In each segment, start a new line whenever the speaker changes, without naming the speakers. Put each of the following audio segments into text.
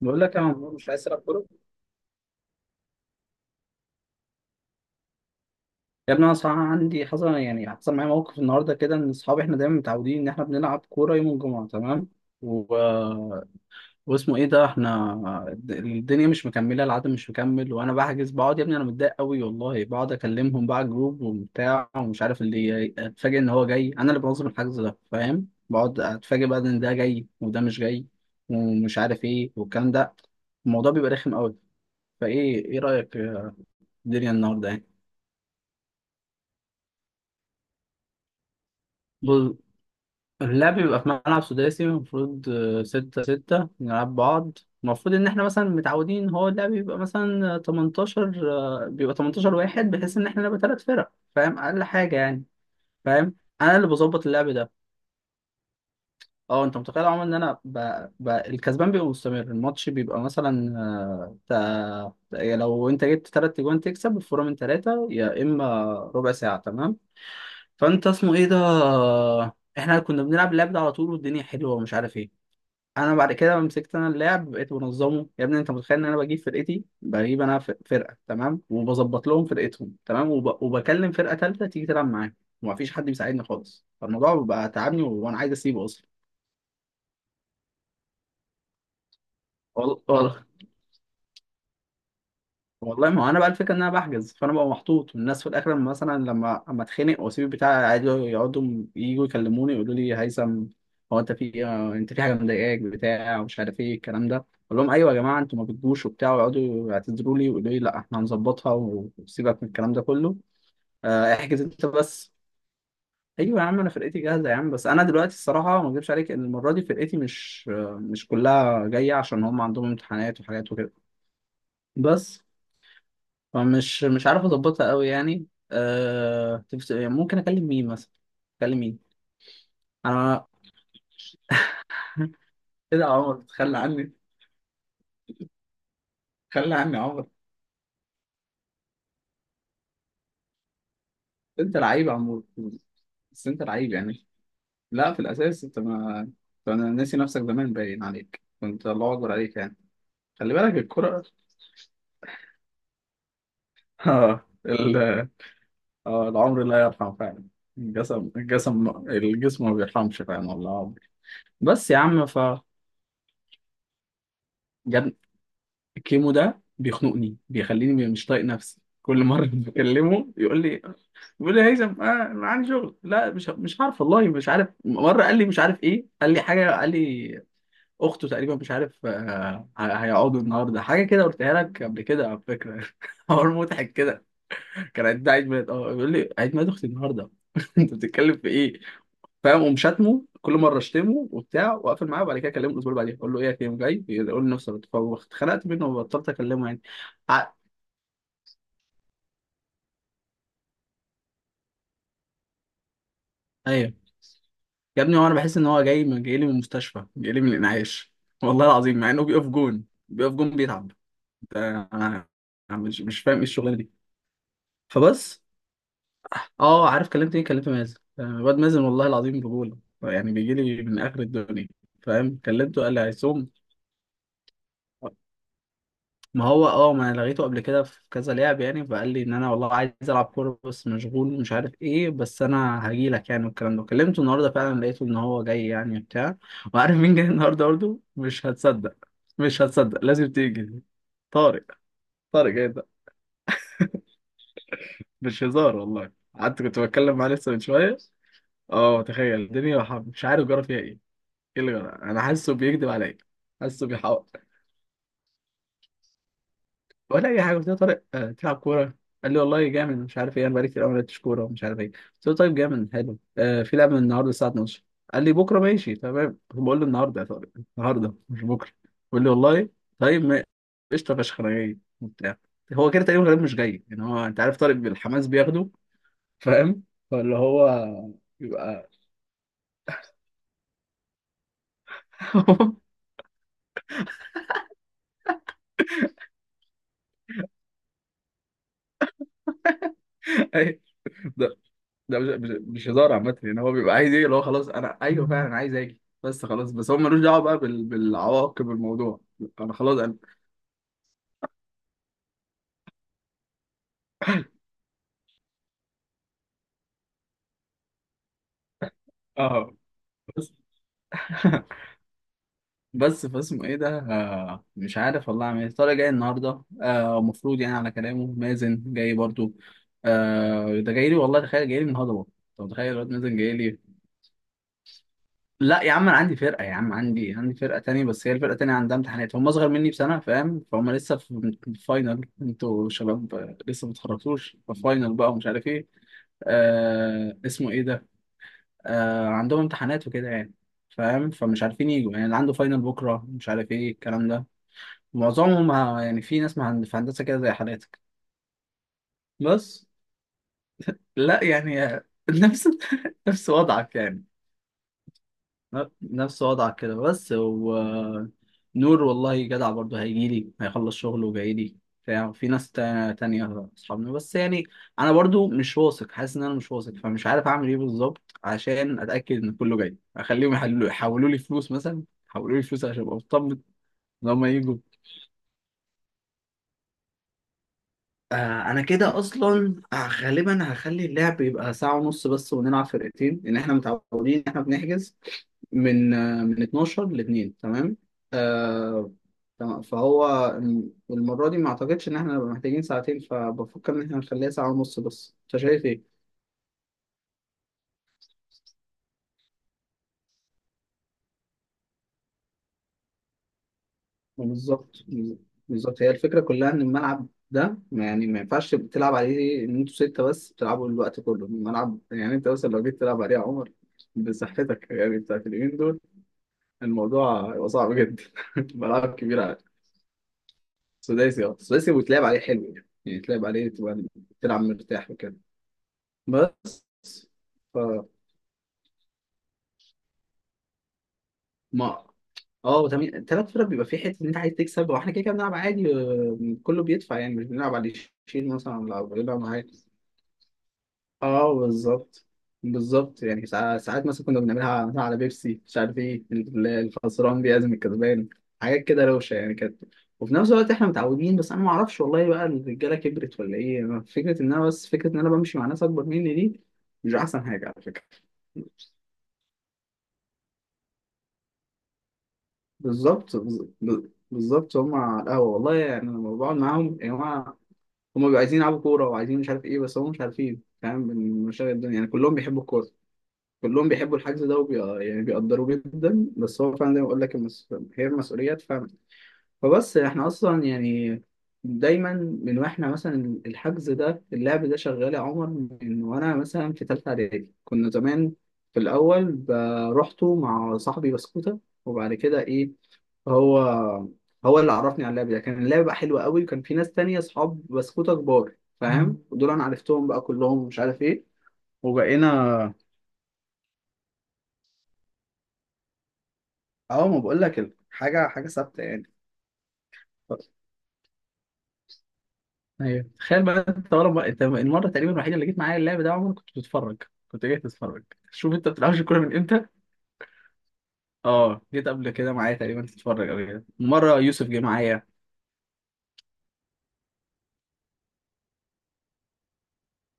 بقول لك يا عمرو مش عايز تلعب كوره. يا ابني انا صراحه عندي حصل حصل معايا موقف النهارده كده ان اصحابي احنا دايما متعودين ان احنا بنلعب كوره يوم الجمعه، تمام، و... واسمه ايه ده احنا الدنيا مش مكمله، العدد مش مكمل، وانا بحجز، بقعد يا ابني انا متضايق قوي والله، بقعد اكلمهم بقى جروب وبتاع ومش عارف، اللي اتفاجئ ان هو جاي، انا اللي بنظم الحجز ده فاهم، بقعد اتفاجئ بقى ان ده جاي وده مش جاي ومش عارف ايه والكلام ده. الموضوع بيبقى رخم قوي. فايه، ايه رايك في الدنيا النهارده يعني؟ بص، اللعب بيبقى في ملعب سداسي، المفروض ستة ستة نلعب بعض. المفروض إن إحنا مثلا متعودين، هو اللعب بيبقى مثلا 18، بيبقى 18 واحد، بحيث إن إحنا نبقى تلات فرق فاهم، أقل حاجة يعني. فاهم؟ أنا اللي بظبط اللعب ده. أه أنت متخيل يا عمر إن أنا الكسبان بيبقى مستمر؟ الماتش بيبقى مثلا لو أنت جبت تلات أجوان تكسب، الفورة من تلاتة، يا إما ربع ساعة، تمام. فانت، اسمه ايه ده احنا كنا بنلعب اللعب ده على طول والدنيا حلوه ومش عارف ايه. انا بعد كده لما مسكت انا اللعب بقيت بنظمه، يا ابني انت متخيل ان انا بجيب فرقتي، بجيب انا فرقه تمام، وبظبط لهم فرقتهم تمام، وبكلم فرقه ثالثه تيجي تلعب معايا، ومفيش حد بيساعدني خالص. فالموضوع بقى تعبني وانا عايز اسيبه اصلا. والله، والله ما هو انا بقى الفكره ان انا بحجز، فانا ببقى محطوط، والناس في الاخر لما مثلا لما اما اتخانق واسيب البتاع عادي، يقعدوا يجوا يكلموني، يقولوا لي هيثم، هو انت في انت في حاجه مضايقاك، بتاع ومش عارف ايه الكلام ده. اقول لهم ايوه يا جماعه، انتوا ما بتجوش وبتاع، ويقعدوا يعتذروا لي ويقولوا لي لا احنا هنظبطها، وسيبك من الكلام ده كله، احجز انت بس. ايوه يا عم انا فرقتي جاهزه يا عم، بس انا دلوقتي الصراحه ما اكذبش عليك ان المره دي فرقتي مش كلها جايه، عشان هم عندهم امتحانات وحاجات وكده. بس فمش مش عارف اظبطها قوي يعني. ممكن اكلم مين مثلا؟ اكلم مين؟ انا. ايه ده يا عمر، تخلى عني؟ تخلى عني يا عمر؟ انت لعيب يا عمور. بس انت لعيب يعني؟ لا في الاساس انت ما، انا ناسي نفسك زمان، باين عليك كنت الله اكبر عليك يعني. خلي بالك الكرة. اه ال... اه العمر لا يرحم فعلا. الجسم، الجسم الجسم ما بيرحمش فعلا والله العظيم. بس يا عم، ف، الكيمو ده بيخنقني، بيخليني مش طايق نفسي كل مره. بكلمه يقول لي، بيقول لي يا هيثم أنا عندي شغل، لا مش عارف والله، مش عارف، مره قال لي مش عارف ايه، قال لي حاجه، قال لي اخته تقريبا مش عارف هيقعدوا النهارده حاجه كده، قلتها لك قبل كده على فكره. حوار مضحك كده. كان عيد، ده عيد ميلاد، اه بيقول لي عيد ميلاد اختي النهارده. انت بتتكلم في ايه؟ فاهم، اقوم شاتمه كل مره اشتمه وبتاع واقفل معاه، وبعد كده اكلمه الاسبوع اللي بعديه اقول له ايه يا كريم جاي، يقول لي نفس الاتفاق، واتخنقت منه وبطلت اكلمه يعني. ع... ايوه يا ابني، هو انا بحس ان هو جاي، من جاي لي من المستشفى، جاي لي من الانعاش والله العظيم، مع انه بيقف جون، بيقف جون بيتعب. ده انا، أنا مش فاهم ايه الشغلانه دي. فبس. اه عارف كلمت ايه؟ كلمت مازن. الواد مازن والله العظيم رجوله، يعني بيجي لي من اخر الدنيا. فاهم، كلمته قال لي هيصوم. ما هو اه ما انا لغيته قبل كده في كذا لعب يعني، فقال لي ان انا والله عايز العب كوره بس مشغول ومش عارف ايه، بس انا هجي لك يعني والكلام ده، كلمته النهارده فعلا لقيته ان هو جاي يعني بتاع. وعارف مين جاي النهارده برضه؟ مش هتصدق. مش هتصدق، لازم تيجي. طارق. طارق جاي ده، مش هزار والله، قعدت كنت بتكلم معاه لسه من شويه. اه تخيل الدنيا، مش عارف جرى فيها ايه. ايه اللي جرى؟ انا حاسه بيكذب عليا. حاسه بيحاول. ولا اي حاجه، قلت له طارق تلعب كوره؟ قال لي والله جامد، مش عارف ايه، انا بقالي كتير قوي ما لعبتش كوره ومش عارف ايه. قلت له طيب جامد حلو، في لعبه النهارده الساعه 12. قال لي بكره ماشي تمام، بقول له النهارده يا طارق، النهارده مش بكره. بيقول لي والله طيب، قشطه فشخ انا جاي وبتاع. هو كده تقريبا غالبا مش جاي يعني، هو انت عارف طارق بالحماس بياخده فاهم. فاللي هو، يبقى. أيوة. ده مش هزار عامة يعني، هو بيبقى عايز ايه اللي هو خلاص انا ايوه فعلا عايز اجي بس خلاص، بس هو ملوش دعوة بقى بالعواقب الموضوع. انا خلاص انا اه بس. بس فاسمه ايه ده مش عارف والله اعمل ايه. طارق جاي النهارده، المفروض يعني على كلامه مازن جاي برضو، ده جاي لي والله، تخيل جاي لي النهارده برضه. طب تخيل الواد مازن جاي لي. لا يا عم انا عندي فرقه يا عم، عندي فرقه تانية، بس هي الفرقه التانية عندها امتحانات، هم اصغر مني بسنه فاهم، فهم لسه في الفاينل، انتوا شباب لسه ما اتخرجتوش، فاينل بقى ومش عارف ايه. آه اسمه ايه ده آه عندهم امتحانات وكده يعني، فاهم، فمش عارفين يجوا يعني، اللي عنده فاينل بكره، مش عارف ايه الكلام ده. معظمهم يعني في ناس في هندسه كده زي حالاتك بس. لا يعني نفس، نفس وضعك يعني، نفس وضعك كده بس. و نور والله جدع برضه، هيجيلي هيخلص شغله وجايلي بتاع، في ناس تانية أصحابنا بس يعني. أنا برضه مش واثق، حاسس إن أنا مش واثق، فمش عارف أعمل إيه بالظبط عشان أتأكد إن كله جاي. أخليهم يحلوا يحولوا لي فلوس مثلا، يحولوا لي فلوس عشان أبقى مطمن إن هما يجوا. آه. انا كده اصلا غالبا هخلي اللعب يبقى ساعة ونص بس ونلعب فرقتين، لان احنا متعودين ان احنا بنحجز من من 12 ل 2 تمام. آه، تمام. فهو المرة دي ما اعتقدش ان احنا نبقى محتاجين ساعتين، فبفكر ان احنا نخليها ساعة ونص بس، انت شايف ايه؟ بالظبط، بالظبط هي الفكرة كلها، ان الملعب ده يعني ما ينفعش تبقى تلعب عليه ان انتوا ستة بس تلعبوا الوقت كله، الملعب يعني انت مثلا لو جيت تلعب عليه يا عمر بصحتك يعني بتاعت اليومين دول، الموضوع هيبقى صعب جدا. ملعب كبير عادي. سداسي، اه سداسي، ويتلعب عليه حلو يعني، يعني يتلعب عليه، تبقى تلعب مرتاح وكده. بس، ف، ما، اه تمام، تلات فرق بيبقى في حته ان انت عايز تكسب، واحنا كده كده بنلعب عادي، كله بيدفع يعني، مش بنلعب على اللي يشيل مثلا ولا بنلعب على حاجة. اه بالظبط، بالظبط يعني ساعات مثلا كنا بنعملها مثلاً على بيبسي مش عارف ايه، الخسران بيعزم الكسبان، حاجات كده روشه يعني كانت. وفي نفس الوقت احنا متعودين، بس انا ما اعرفش والله بقى الرجاله كبرت ولا ايه، فكره ان انا بس فكره ان انا بمشي مع ناس اكبر مني دي مش احسن حاجه على فكره. بالظبط، بالظبط هم على القهوه والله يعني، انا لما بقعد معاهم يا جماعه، هم بيبقوا عايزين يلعبوا كوره وعايزين مش عارف ايه، بس هم مش عارفين فاهم من مشاغل الدنيا يعني، كلهم بيحبوا الكوره، كلهم بيحبوا الحجز ده يعني بيقدروه جدا، بس هو فعلا زي ما بقول لك هي المسؤوليات فعلا. فبس، احنا اصلا يعني دايما، من واحنا مثلا الحجز ده اللعب ده شغال يا عمر، من وانا مثلا في ثالثه اعدادي كنا زمان، في الاول روحته مع صاحبي بسكوته، وبعد كده ايه، هو، هو اللي عرفني على اللعب ده، كان اللعب بقى حلو قوي وكان في ناس تانية اصحاب بسكوته كبار. مم. فاهم، ودول انا عرفتهم بقى كلهم ومش عارف ايه. وبقينا، اه ما بقول لك حاجه، حاجه ثابته يعني. ايوه تخيل بقى، انت ورا بقى، انت المره تقريبا الوحيده اللي جيت معايا اللعب ده يا عمر، كنت بتتفرج، كنت جاي تتفرج. شوف انت ما بتلعبش الكوره من امتى. اه جيت قبل كده معايا تقريبا تتفرج او كده، مره يوسف جه معايا.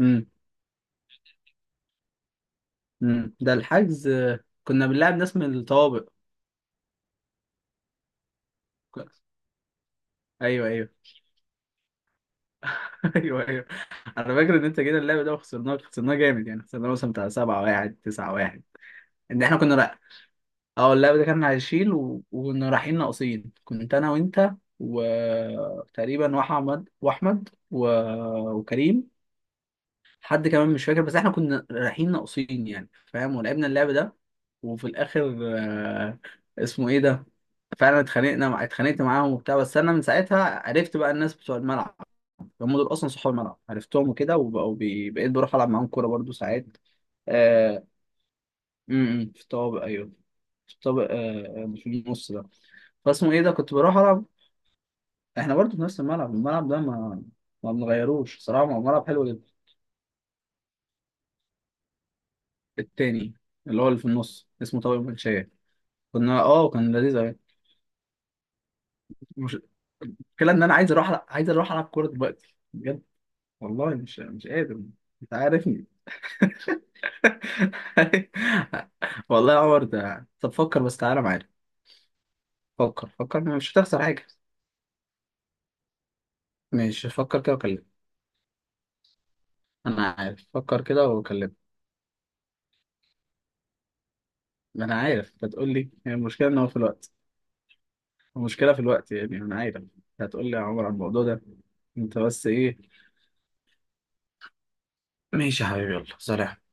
امم. ده الحجز، كنا بنلعب ناس من الطوابق. ك- ايوه ايوه. ايوه ايوه. انا فاكر ان انت جينا اللعب ده وخسرناه، خسرناه جامد يعني، خسرناه مثلا بتاع 7 1 9 1. ان احنا كنا، اه اللاعب ده كان هيشيل وكنا رايحين ناقصين، كنت انا وانت، وتقريبا واحمد و... وكريم، حد كمان مش فاكر، بس احنا كنا رايحين ناقصين يعني فاهم، ولعبنا اللعب ده، وفي الاخر، آه، اسمه ايه ده فعلا اتخانقنا اتخانقت معاهم وبتاع، بس انا من ساعتها عرفت بقى الناس بتوع الملعب، هم دول اصلا صحاب الملعب، عرفتهم وكده وبقوا بقيت بروح العب معاهم كوره برضو ساعات. آه... م- م، في الطوابق ايوه. في الطابق في النص ده. فاسمه ايه ده كنت بروح العب. احنا برضه في نفس الملعب، الملعب ده ما بنغيروش صراحه، هو ملعب حلو جدا. التاني، اللي هو اللي في النص اسمه طارق المنشيه. كنا، اه كان لذيذ قوي. مش، المشكله ان انا عايز اروح عايز اروح العب كوره دلوقتي بجد، والله مش قادر، انت عارفني. والله يا عمر ده، طب فكر بس، تعالى معايا، فكر، فكر مش هتخسر حاجه. ماشي فكر كده وكلمني. انا عارف، فكر كده وكلمني. ما انا عارف بتقول لي، هي المشكله ان هو في الوقت، المشكلة في الوقت يعني، أنا عارف، هتقول لي يا عمر على الموضوع ده أنت بس إيه. ماشي يا حبيبي، يلا سلام.